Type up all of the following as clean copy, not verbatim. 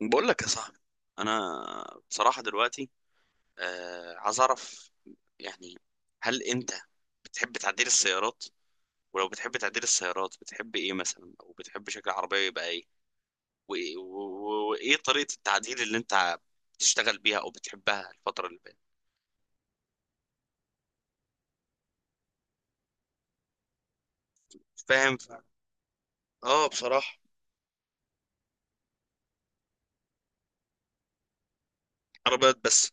بقول لك يا صاحبي، انا بصراحه دلوقتي عايز اعرف، يعني هل انت بتحب تعديل السيارات؟ ولو بتحب تعديل السيارات بتحب ايه مثلا، او بتحب شكل العربيه يبقى ايه؟ وايه وايه طريقه التعديل اللي انت بتشتغل بيها او بتحبها الفتره اللي فاتت؟ فاهم. اه بصراحه عربيات بس.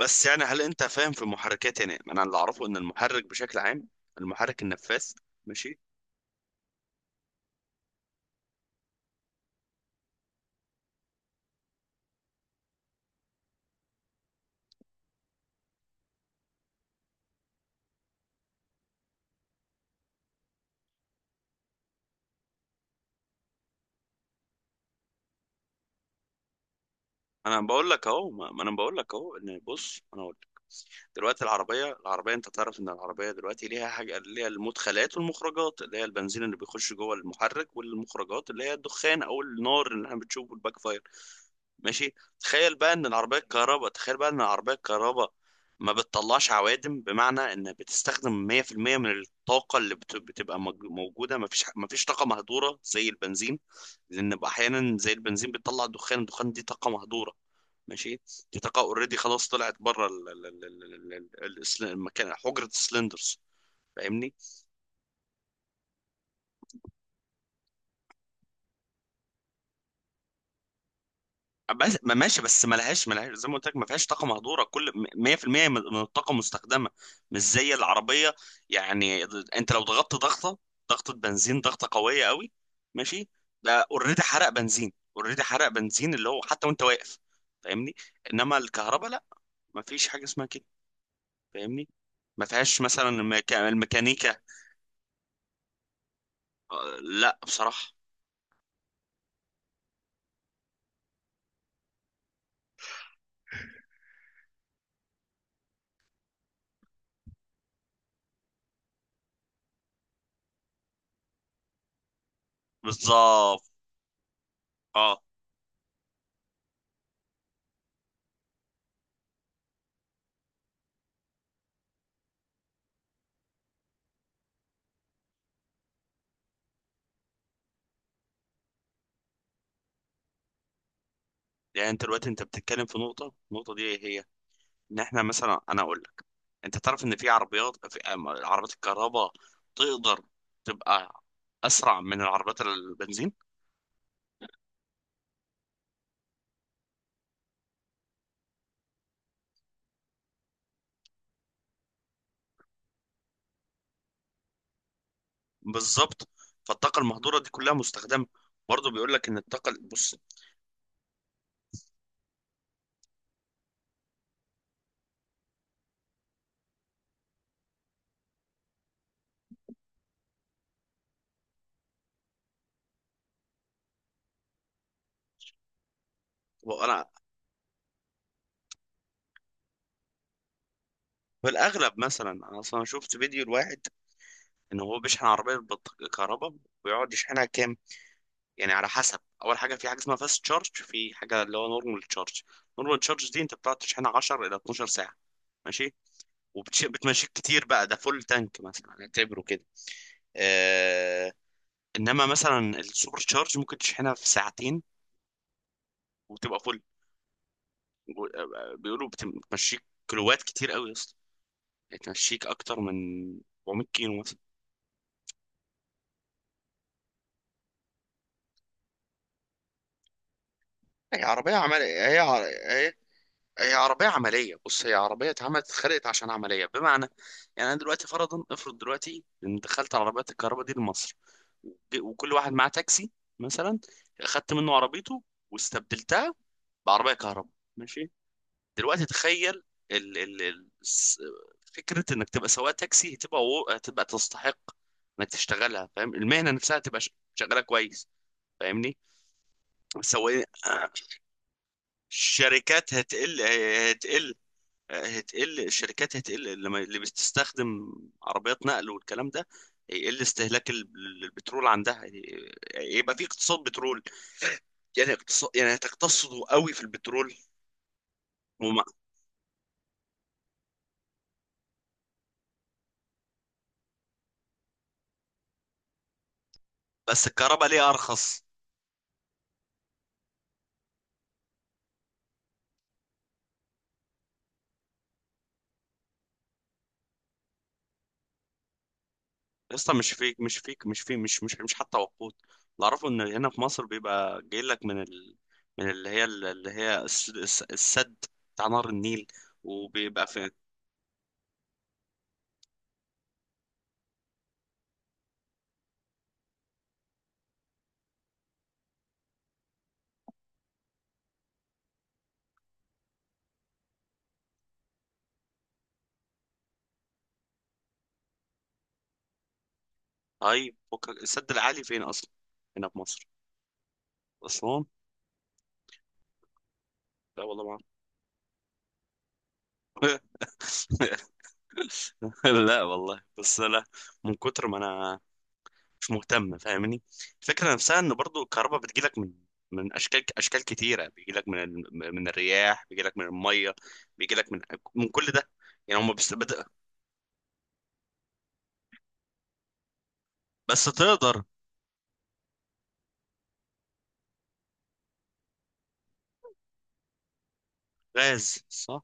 بس يعني هل انت فاهم في المحركات؟ يعني انا اللي اعرفه ان المحرك بشكل عام، المحرك النفاث. ماشي. انا بقول لك اهو، ما ما انا بقول لك اهو ان بص انا اقول لك. دلوقتي العربيه انت تعرف ان العربيه دلوقتي ليها حاجه، ليها المدخلات والمخرجات اللي هي البنزين اللي بيخش جوه المحرك، والمخرجات اللي هي الدخان او النار اللي احنا بنشوفه الباك فاير. ماشي. تخيل بقى ان العربيه الكهرباء ما بتطلعش عوادم، بمعنى ان بتستخدم 100% من الطاقه اللي بتبقى موجوده. ما فيش طاقه مهدوره زي البنزين، لان احيانا زي البنزين بتطلع دخان، الدخان دي طاقه مهدوره. ماشي. دي طاقة اوريدي خلاص طلعت بره المكان، حجرة السلندرز. فاهمني؟ بس ما ماشي، بس ما لهاش، زي ما قلت لك ما فيهاش طاقة مهدورة، كل 100% من الطاقة مستخدمة، مش زي العربية. يعني انت لو ضغطت ضغطة، ضغطة بنزين، ضغطة قوية قوي، ماشي، ده اوريدي حرق بنزين، اللي هو حتى وانت واقف. فاهمني؟ انما الكهرباء لا، ما فيش حاجة اسمها كده. فاهمني؟ ما فيهاش مثلا الميكانيكا. آه، لا بصراحة. بالظبط. اه يعني انت دلوقتي انت بتتكلم في نقطه، النقطه دي ايه هي؟ ان احنا مثلا، انا اقول لك، انت تعرف ان في عربيات، عربيات الكهرباء تقدر تبقى اسرع من العربيات البنزين. بالظبط. فالطاقه المهدوره دي كلها مستخدمه، برضه بيقول لك ان الطاقه بص. هو انا في الاغلب مثلا، انا اصلا شفت فيديو لواحد ان هو بيشحن عربيه بالكهرباء ويقعد يشحنها كامل. يعني على حسب، اول حاجه في حاجه اسمها فاست تشارج، في حاجه اللي هو نورمال تشارج دي انت بتقعد تشحنها 10 الى 12 ساعه، ماشي، وبتمشيك كتير بقى، ده فول تانك مثلا اعتبره كده. آه. انما مثلا السوبر تشارج ممكن تشحنها في ساعتين وتبقى فل. بيقولوا بتمشيك كيلوات كتير قوي يا اسطى، يعني تمشيك اكتر من 400 كيلو مثلا. هي عربيه عمل هي ع- هي هي عربية عملية، بص هي عربية اتعملت، اتخلقت عشان عملية. بمعنى يعني أنا دلوقتي فرضا، افرض دلوقتي إن دخلت على عربيات الكهرباء دي لمصر، وكل واحد معاه تاكسي مثلا، أخدت منه عربيته واستبدلتها بعربية كهرباء، ماشي. دلوقتي تخيل ال ال ال الس- فكرة إنك تبقى سواق تاكسي، هتبقى هتبقى تستحق إنك تشتغلها. فاهم؟ المهنة نفسها هتبقى شغالة كويس. فاهمني؟ سواء، الشركات هتقل، هتقل الشركات هتقل، لما اللي بتستخدم عربيات نقل والكلام ده هيقل استهلاك البترول عندها، يعني يبقى في اقتصاد بترول، يعني اقتصاد، يعني هتقتصدوا قوي في البترول. وما، بس الكهرباء ليه ارخص؟ يا اسطى مش فيك مش فيك مش في مش مش مش حتى وقود، اللي اعرفه ان هنا في مصر بيبقى جاي لك من ال... من اللي هي، اللي هي السد بتاع نهر النيل، وبيبقى فين؟ طيب السد العالي فين اصلا؟ هنا في مصر؟ اسوان. لا والله ما أعرف. لا والله بس لا، من كتر ما انا مش مهتم. فاهمني؟ الفكره نفسها ان برضو الكهرباء بتجيلك من، من اشكال، كتيره، بيجيلك من من الرياح، بيجيلك من الميه، بيجيلك من، من كل ده. يعني هم بس بدأ. بس تقدر. غاز صح.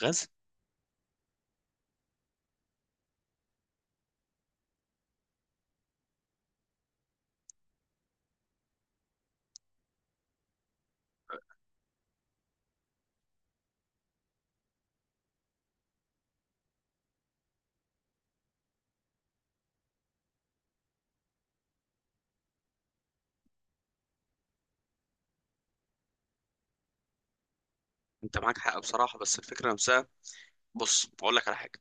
غاز. انت معاك حق بصراحه، بس الفكره نفسها، بص بقول لك على حاجه،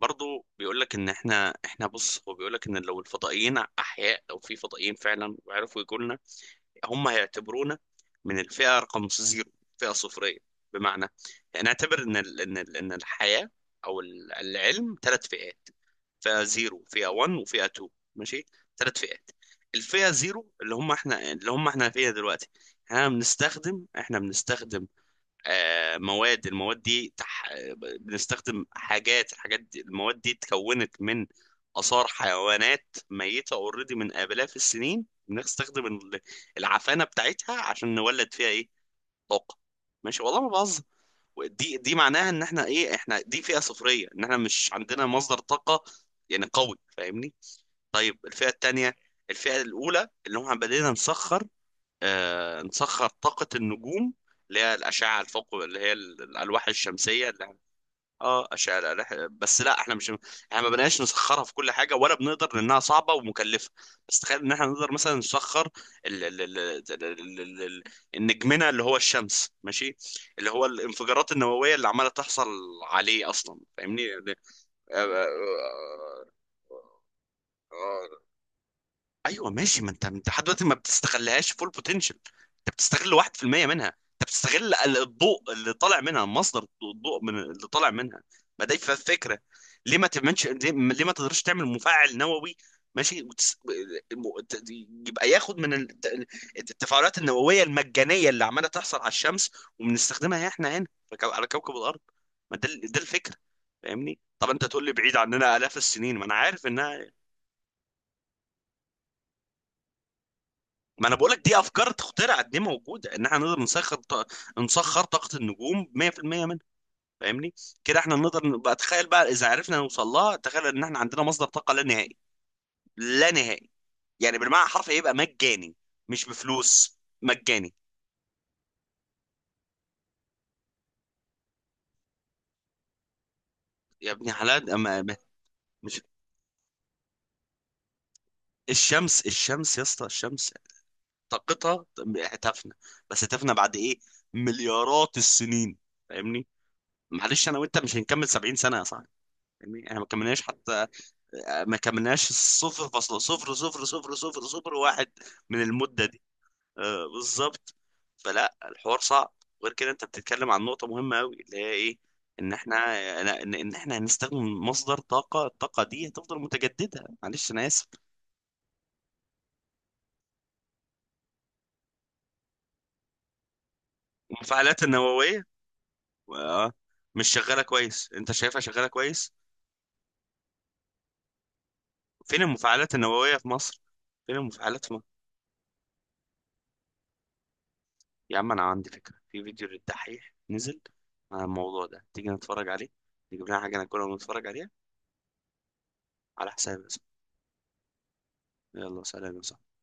برضو بيقول لك ان احنا، احنا بص، هو بيقول لك ان لو الفضائيين احياء، لو في فضائيين فعلا وعرفوا يجوا لنا، هم هيعتبرونا من الفئة رقم زيرو، فئة صفرية. بمعنى، نعتبر إن إن الحياة أو العلم ثلاث فئات: فئة زيرو، فئة 1، وفئة 2، ماشي، ثلاث فئات. الفئة زيرو اللي هم احنا، اللي هم احنا فيها دلوقتي، احنا بنستخدم، مواد، بنستخدم حاجات، الحاجات دي، المواد دي اتكونت من آثار حيوانات ميتة اوريدي من آلاف السنين، بنستخدم العفانة بتاعتها عشان نولد فيها ايه؟ طاقة. ماشي والله ما بهزر. دي معناها ان احنا ايه، احنا دي فئة صفرية، ان احنا مش عندنا مصدر طاقة يعني قوي. فاهمني؟ طيب الفئة التانية، الفئة الأولى اللي هم بدينا نسخر، نسخر طاقة النجوم اللي هي الأشعة الفوق، اللي هي الألواح الشمسية اللي، اه أشعة الألواح. بس لا احنا مش، احنا ما بنقاش نسخرها في كل حاجة ولا بنقدر لأنها صعبة ومكلفة. بس تخيل إن احنا نقدر مثلا نسخر ال... ال... ال... ال... ال... ال... ال- النجمنا اللي هو الشمس، ماشي، اللي هو الانفجارات النووية اللي عمالة تحصل عليه أصلا. فاهمني؟ يعني، آه، آه، آه، آه، ايوه ماشي، ما انت، انت لحد دلوقتي ما بتستغلهاش فول بوتنشال، انت بتستغل 1% منها، انت بتستغل الضوء اللي طالع منها، مصدر الضوء من اللي طالع منها. ما ده فكره، ليه ما تعملش، ليه ليه ما تقدرش تعمل مفاعل نووي، ماشي، م- ت- يبقى ياخد من التفاعلات النوويه المجانيه اللي عماله تحصل على الشمس، وبنستخدمها احنا هنا في على كوكب الارض. ما ده ده الفكره. فاهمني؟ طب انت تقول لي بعيد عننا الاف السنين، ما انا عارف انها، ما انا بقول لك دي افكار تخترع، دي موجوده ان احنا نقدر نسخر نسخر طاقه النجوم 100% منها. فاهمني؟ كده احنا نقدر نبقى، تخيل بقى اذا عرفنا نوصل لها، تخيل ان احنا عندنا مصدر طاقه لا نهائي، لا نهائي، يعني بالمعنى الحرفي، يبقى مجاني، مش بفلوس مجاني. يا ابني حلال أما... ما- مش الشمس، الشمس يا اسطى الشمس طاقتها هتفنى، بس هتفنى بعد ايه؟ مليارات السنين. فاهمني؟ معلش انا وانت مش هنكمل 70 سنه يا صاحبي. فاهمني؟ احنا ما كملناش حتى، ما كملناش صفر فاصلة صفر صفر صفر صفر صفر واحد من المدة دي. آه بالظبط. فلا الحوار صعب. غير كده انت بتتكلم عن نقطة مهمة قوي اللي هي ايه؟ ان احنا، ان احنا هنستخدم مصدر طاقة، الطاقة دي هتفضل متجددة. معلش انا اسف. المفاعلات النووية، آه، مش شغالة كويس، انت شايفها شغالة كويس؟ فين المفاعلات النووية في مصر؟ فين المفاعلات؟ يا عم انا عندي فكره، في فيديو للدحيح نزل عن الموضوع ده، تيجي نتفرج عليه، نجيب لنا حاجه ناكلها ونتفرج عليها. على حسابي يا صاحبي. يلا سلام يا صاحبي.